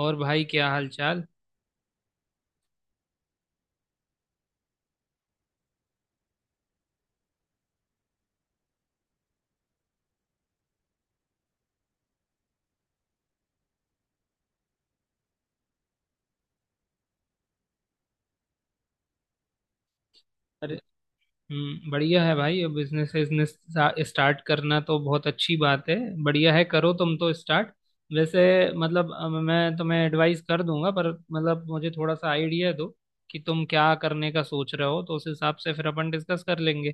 और भाई, क्या हाल चाल? अरे। बढ़िया है भाई। अब बिजनेस बिजनेस स्टार्ट करना तो बहुत अच्छी बात है। बढ़िया है, करो तुम तो स्टार्ट। वैसे मतलब मैं तुम्हें एडवाइस कर दूंगा, पर मतलब मुझे थोड़ा सा आइडिया दो कि तुम क्या करने का सोच रहे हो, तो उस हिसाब से फिर अपन डिस्कस कर लेंगे।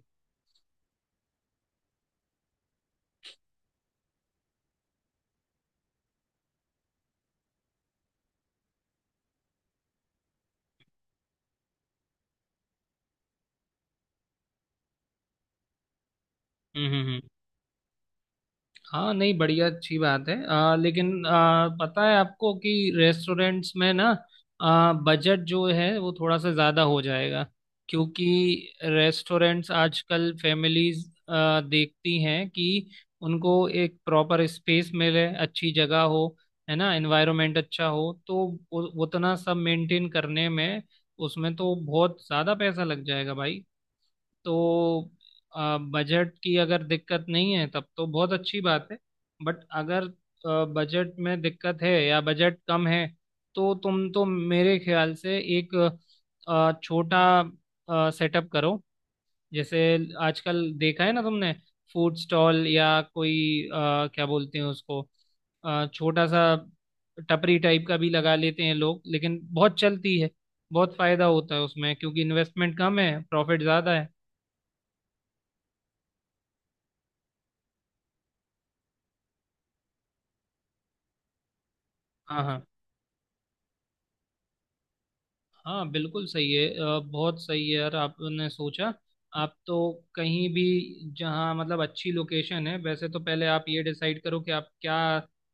हम्म हम्म हम्म। हाँ नहीं, बढ़िया, अच्छी बात है। लेकिन पता है आपको कि रेस्टोरेंट्स में ना बजट जो है वो थोड़ा सा ज़्यादा हो जाएगा, क्योंकि रेस्टोरेंट्स आजकल फैमिलीज देखती हैं कि उनको एक प्रॉपर स्पेस मिले, अच्छी जगह हो, है ना, एनवायरनमेंट अच्छा हो, तो उतना सब मेंटेन करने में, उसमें तो बहुत ज़्यादा पैसा लग जाएगा भाई। तो बजट की अगर दिक्कत नहीं है तब तो बहुत अच्छी बात है, बट अगर बजट में दिक्कत है या बजट कम है तो तुम तो मेरे ख्याल से एक छोटा सेटअप करो। जैसे, आजकल देखा है ना तुमने, फूड स्टॉल या कोई क्या बोलते हैं उसको, छोटा सा टपरी टाइप का भी लगा लेते हैं लोग, लेकिन बहुत चलती है, बहुत फायदा होता है उसमें, क्योंकि इन्वेस्टमेंट कम है, प्रॉफिट ज़्यादा है। हाँ हाँ हाँ बिल्कुल सही है। बहुत सही है यार, आपने सोचा। आप तो कहीं भी जहाँ मतलब अच्छी लोकेशन है, वैसे तो पहले आप ये डिसाइड करो कि आप क्या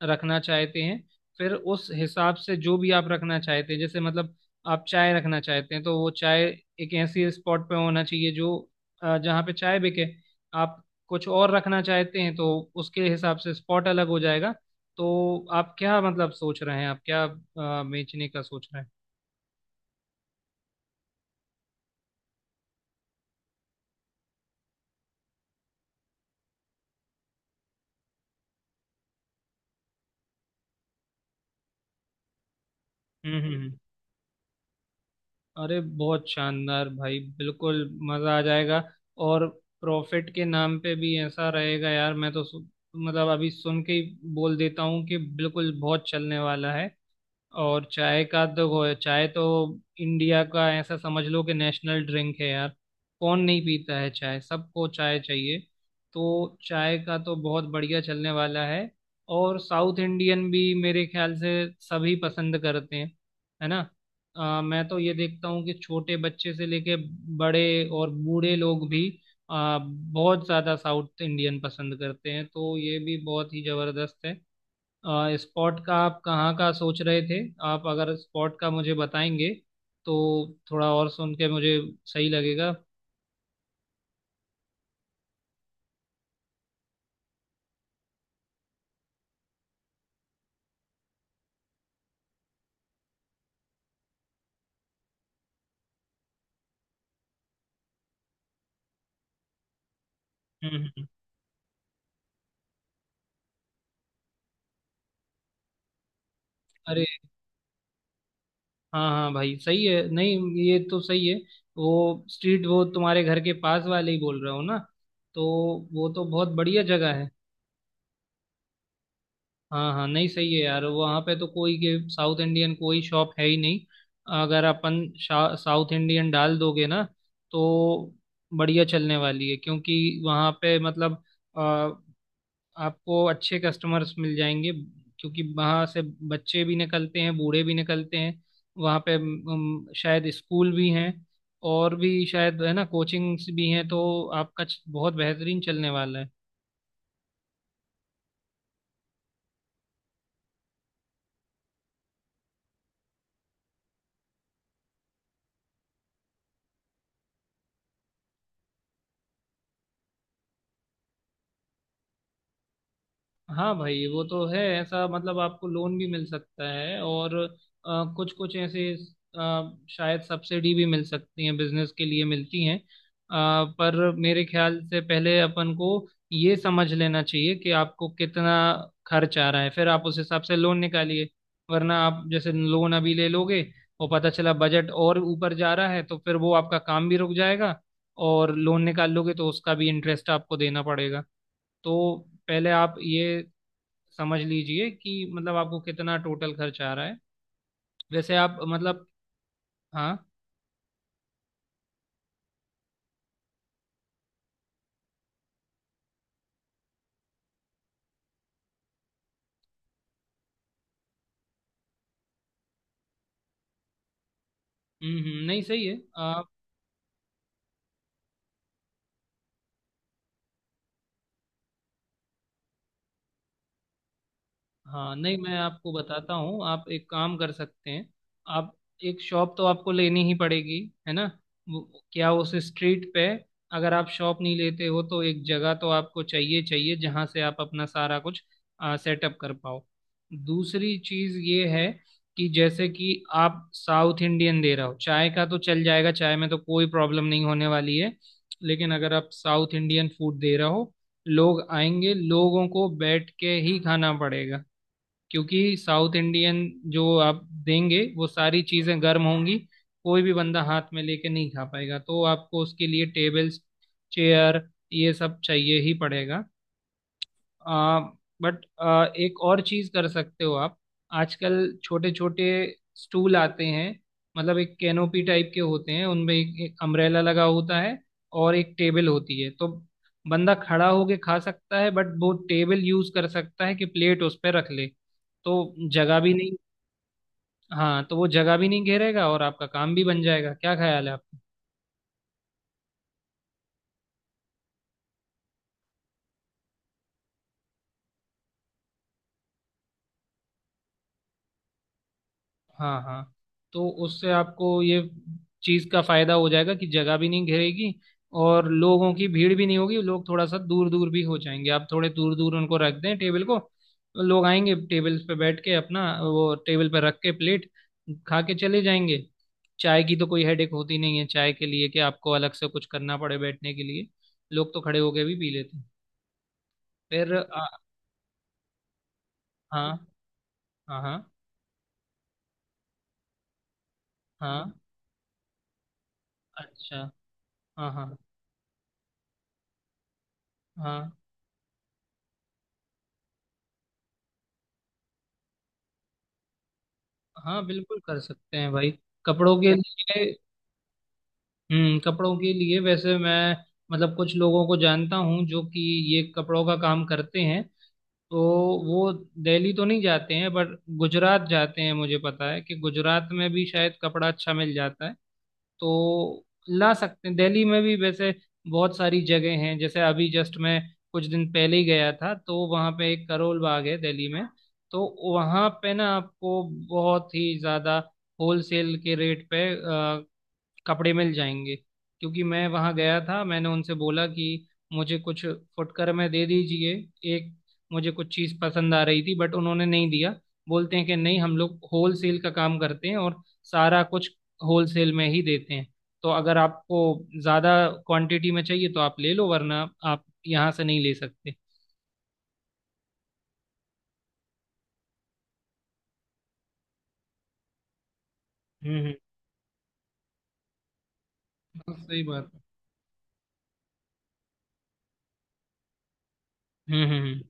रखना चाहते हैं। फिर उस हिसाब से जो भी आप रखना चाहते हैं, जैसे मतलब आप चाय रखना चाहते हैं तो वो चाय एक ऐसी स्पॉट पे होना चाहिए जो जहाँ पे चाय बिके। आप कुछ और रखना चाहते हैं तो उसके हिसाब से स्पॉट अलग हो जाएगा। तो आप क्या मतलब सोच रहे हैं, आप क्या बेचने का सोच रहे हैं? हम्म हम्म हम्म। अरे बहुत शानदार भाई, बिल्कुल मजा आ जाएगा। और प्रॉफिट के नाम पे भी ऐसा रहेगा यार, मैं तो मतलब अभी सुन के ही बोल देता हूँ कि बिल्कुल बहुत चलने वाला है। और चाय का तो वो है, चाय तो इंडिया का ऐसा समझ लो कि नेशनल ड्रिंक है यार। कौन नहीं पीता है चाय? सबको चाय चाहिए। तो चाय का तो बहुत बढ़िया चलने वाला है। और साउथ इंडियन भी मेरे ख्याल से सभी पसंद करते हैं, है ना। मैं तो ये देखता हूँ कि छोटे बच्चे से लेके बड़े और बूढ़े लोग भी बहुत ज़्यादा साउथ इंडियन पसंद करते हैं, तो ये भी बहुत ही ज़बरदस्त है। स्पॉट का आप कहाँ का सोच रहे थे? आप अगर स्पॉट का मुझे बताएंगे तो थोड़ा और सुन के मुझे सही लगेगा। हम्म हम्म। अरे हाँ हाँ भाई, सही है, नहीं ये तो सही है। वो स्ट्रीट, वो तुम्हारे घर के पास वाले ही बोल रहे हो ना, तो वो तो बहुत बढ़िया जगह है। हाँ हाँ नहीं सही है यार, वहाँ पे तो कोई के साउथ इंडियन कोई शॉप है ही नहीं। अगर अपन साउथ इंडियन डाल दोगे ना तो बढ़िया चलने वाली है, क्योंकि वहाँ पे मतलब अ, आपको अच्छे कस्टमर्स मिल जाएंगे। क्योंकि वहाँ से बच्चे भी निकलते हैं, बूढ़े भी निकलते हैं, वहाँ पे शायद स्कूल भी हैं, और भी शायद, है ना, कोचिंग्स भी हैं। तो आपका बहुत बेहतरीन चलने वाला है। हाँ भाई, वो तो है ऐसा मतलब आपको लोन भी मिल सकता है, और कुछ कुछ ऐसे शायद सब्सिडी भी मिल सकती है, बिजनेस के लिए मिलती हैं। पर मेरे ख्याल से पहले अपन को ये समझ लेना चाहिए कि आपको कितना खर्च आ रहा है, फिर आप उस हिसाब से लोन निकालिए। वरना आप जैसे लोन अभी ले लोगे और पता चला बजट और ऊपर जा रहा है, तो फिर वो आपका काम भी रुक जाएगा। और लोन निकाल लोगे तो उसका भी इंटरेस्ट आपको देना पड़ेगा। तो पहले आप ये समझ लीजिए कि मतलब आपको कितना टोटल खर्च आ रहा है। वैसे आप मतलब, हाँ, नहीं सही है। हाँ नहीं, मैं आपको बताता हूँ, आप एक काम कर सकते हैं। आप एक शॉप तो आपको लेनी ही पड़ेगी, है ना। क्या उस स्ट्रीट पे, अगर आप शॉप नहीं लेते हो तो एक जगह तो आपको चाहिए चाहिए जहाँ से आप अपना सारा कुछ सेटअप कर पाओ। दूसरी चीज़ ये है कि जैसे कि आप साउथ इंडियन दे रहे हो, चाय का तो चल जाएगा, चाय में तो कोई प्रॉब्लम नहीं होने वाली है, लेकिन अगर आप साउथ इंडियन फूड दे रहे हो, लोग आएंगे, लोगों को बैठ के ही खाना पड़ेगा। क्योंकि साउथ इंडियन जो आप देंगे, वो सारी चीज़ें गर्म होंगी, कोई भी बंदा हाथ में लेके नहीं खा पाएगा। तो आपको उसके लिए टेबल्स, चेयर, ये सब चाहिए ही पड़ेगा। आ, बट एक और चीज कर सकते हो आप। आजकल छोटे छोटे स्टूल आते हैं, मतलब एक कैनोपी टाइप के होते हैं, उनमें एक, एक अम्ब्रेला लगा होता है और एक टेबल होती है, तो बंदा खड़ा होके खा सकता है, बट वो टेबल यूज कर सकता है कि प्लेट उस पर रख ले। तो जगह भी नहीं, हाँ, तो वो जगह भी नहीं घेरेगा, और आपका काम भी बन जाएगा, क्या ख्याल है आपका? हाँ हाँ, तो उससे आपको ये चीज़ का फायदा हो जाएगा कि जगह भी नहीं घेरेगी और लोगों की भीड़ भी नहीं होगी। लोग थोड़ा सा दूर दूर भी हो जाएंगे, आप थोड़े दूर दूर उनको रख दें टेबल को, तो लोग आएंगे, टेबल पे बैठ के अपना वो टेबल पे रख के प्लेट, खा के चले जाएंगे। चाय की तो कोई हेडेक होती नहीं है चाय के लिए, कि आपको अलग से कुछ करना पड़े बैठने के लिए, लोग तो खड़े होके भी पी लेते हैं। फिर हाँ हाँ हाँ हाँ अच्छा हाँ हाँ हाँ हाँ बिल्कुल कर सकते हैं भाई। कपड़ों के लिए, हम्म, कपड़ों के लिए वैसे मैं मतलब कुछ लोगों को जानता हूँ जो कि ये कपड़ों का काम करते हैं। तो वो दिल्ली तो नहीं जाते हैं बट गुजरात जाते हैं, मुझे पता है कि गुजरात में भी शायद कपड़ा अच्छा मिल जाता है। तो ला सकते हैं दिल्ली में भी। वैसे बहुत सारी जगह हैं, जैसे अभी जस्ट मैं कुछ दिन पहले ही गया था, तो वहाँ पे एक करोल बाग है दिल्ली में, तो वहाँ पे ना आपको बहुत ही ज़्यादा होलसेल के रेट पे कपड़े मिल जाएंगे। क्योंकि मैं वहाँ गया था, मैंने उनसे बोला कि मुझे कुछ फुटकर में दे दीजिए, एक मुझे कुछ चीज़ पसंद आ रही थी, बट उन्होंने नहीं दिया। बोलते हैं कि नहीं, हम लोग होल सेल का काम करते हैं और सारा कुछ होल सेल में ही देते हैं। तो अगर आपको ज़्यादा क्वांटिटी में चाहिए तो आप ले लो, वरना आप यहाँ से नहीं ले सकते। हम्म, हाँ, सही बात है। हम्म हम्म हम्म।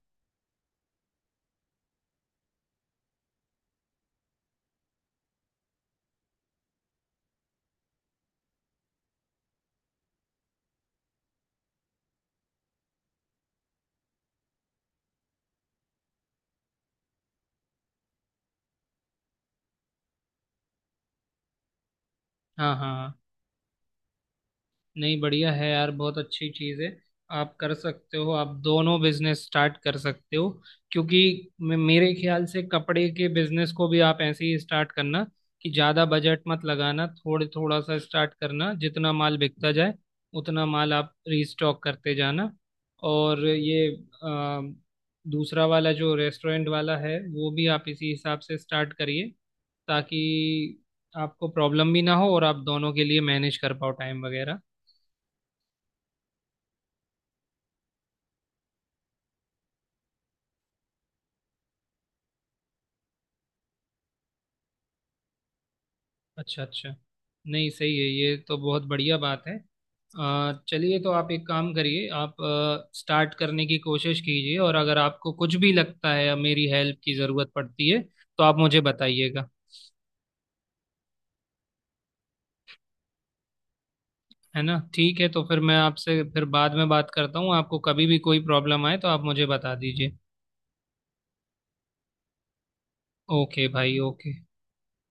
हाँ हाँ हाँ। नहीं बढ़िया है यार, बहुत अच्छी चीज़ है। आप कर सकते हो, आप दोनों बिजनेस स्टार्ट कर सकते हो। क्योंकि मेरे ख्याल से कपड़े के बिजनेस को भी आप ऐसे ही स्टार्ट करना, कि ज़्यादा बजट मत लगाना, थोड़े थोड़ा सा स्टार्ट करना, जितना माल बिकता जाए उतना माल आप रीस्टॉक करते जाना। और ये अ, दूसरा वाला जो रेस्टोरेंट वाला है वो भी आप इसी हिसाब से स्टार्ट करिए, ताकि आपको प्रॉब्लम भी ना हो और आप दोनों के लिए मैनेज कर पाओ टाइम वगैरह। अच्छा अच्छा। नहीं सही है, ये तो बहुत बढ़िया बात है। चलिए, तो आप एक काम करिए, आप स्टार्ट करने की कोशिश कीजिए, और अगर आपको कुछ भी लगता है मेरी हेल्प की ज़रूरत पड़ती है, तो आप मुझे बताइएगा। है ना, ठीक है। तो फिर मैं आपसे फिर बाद में बात करता हूँ, आपको कभी भी कोई प्रॉब्लम आए तो आप मुझे बता दीजिए। ओके भाई, ओके।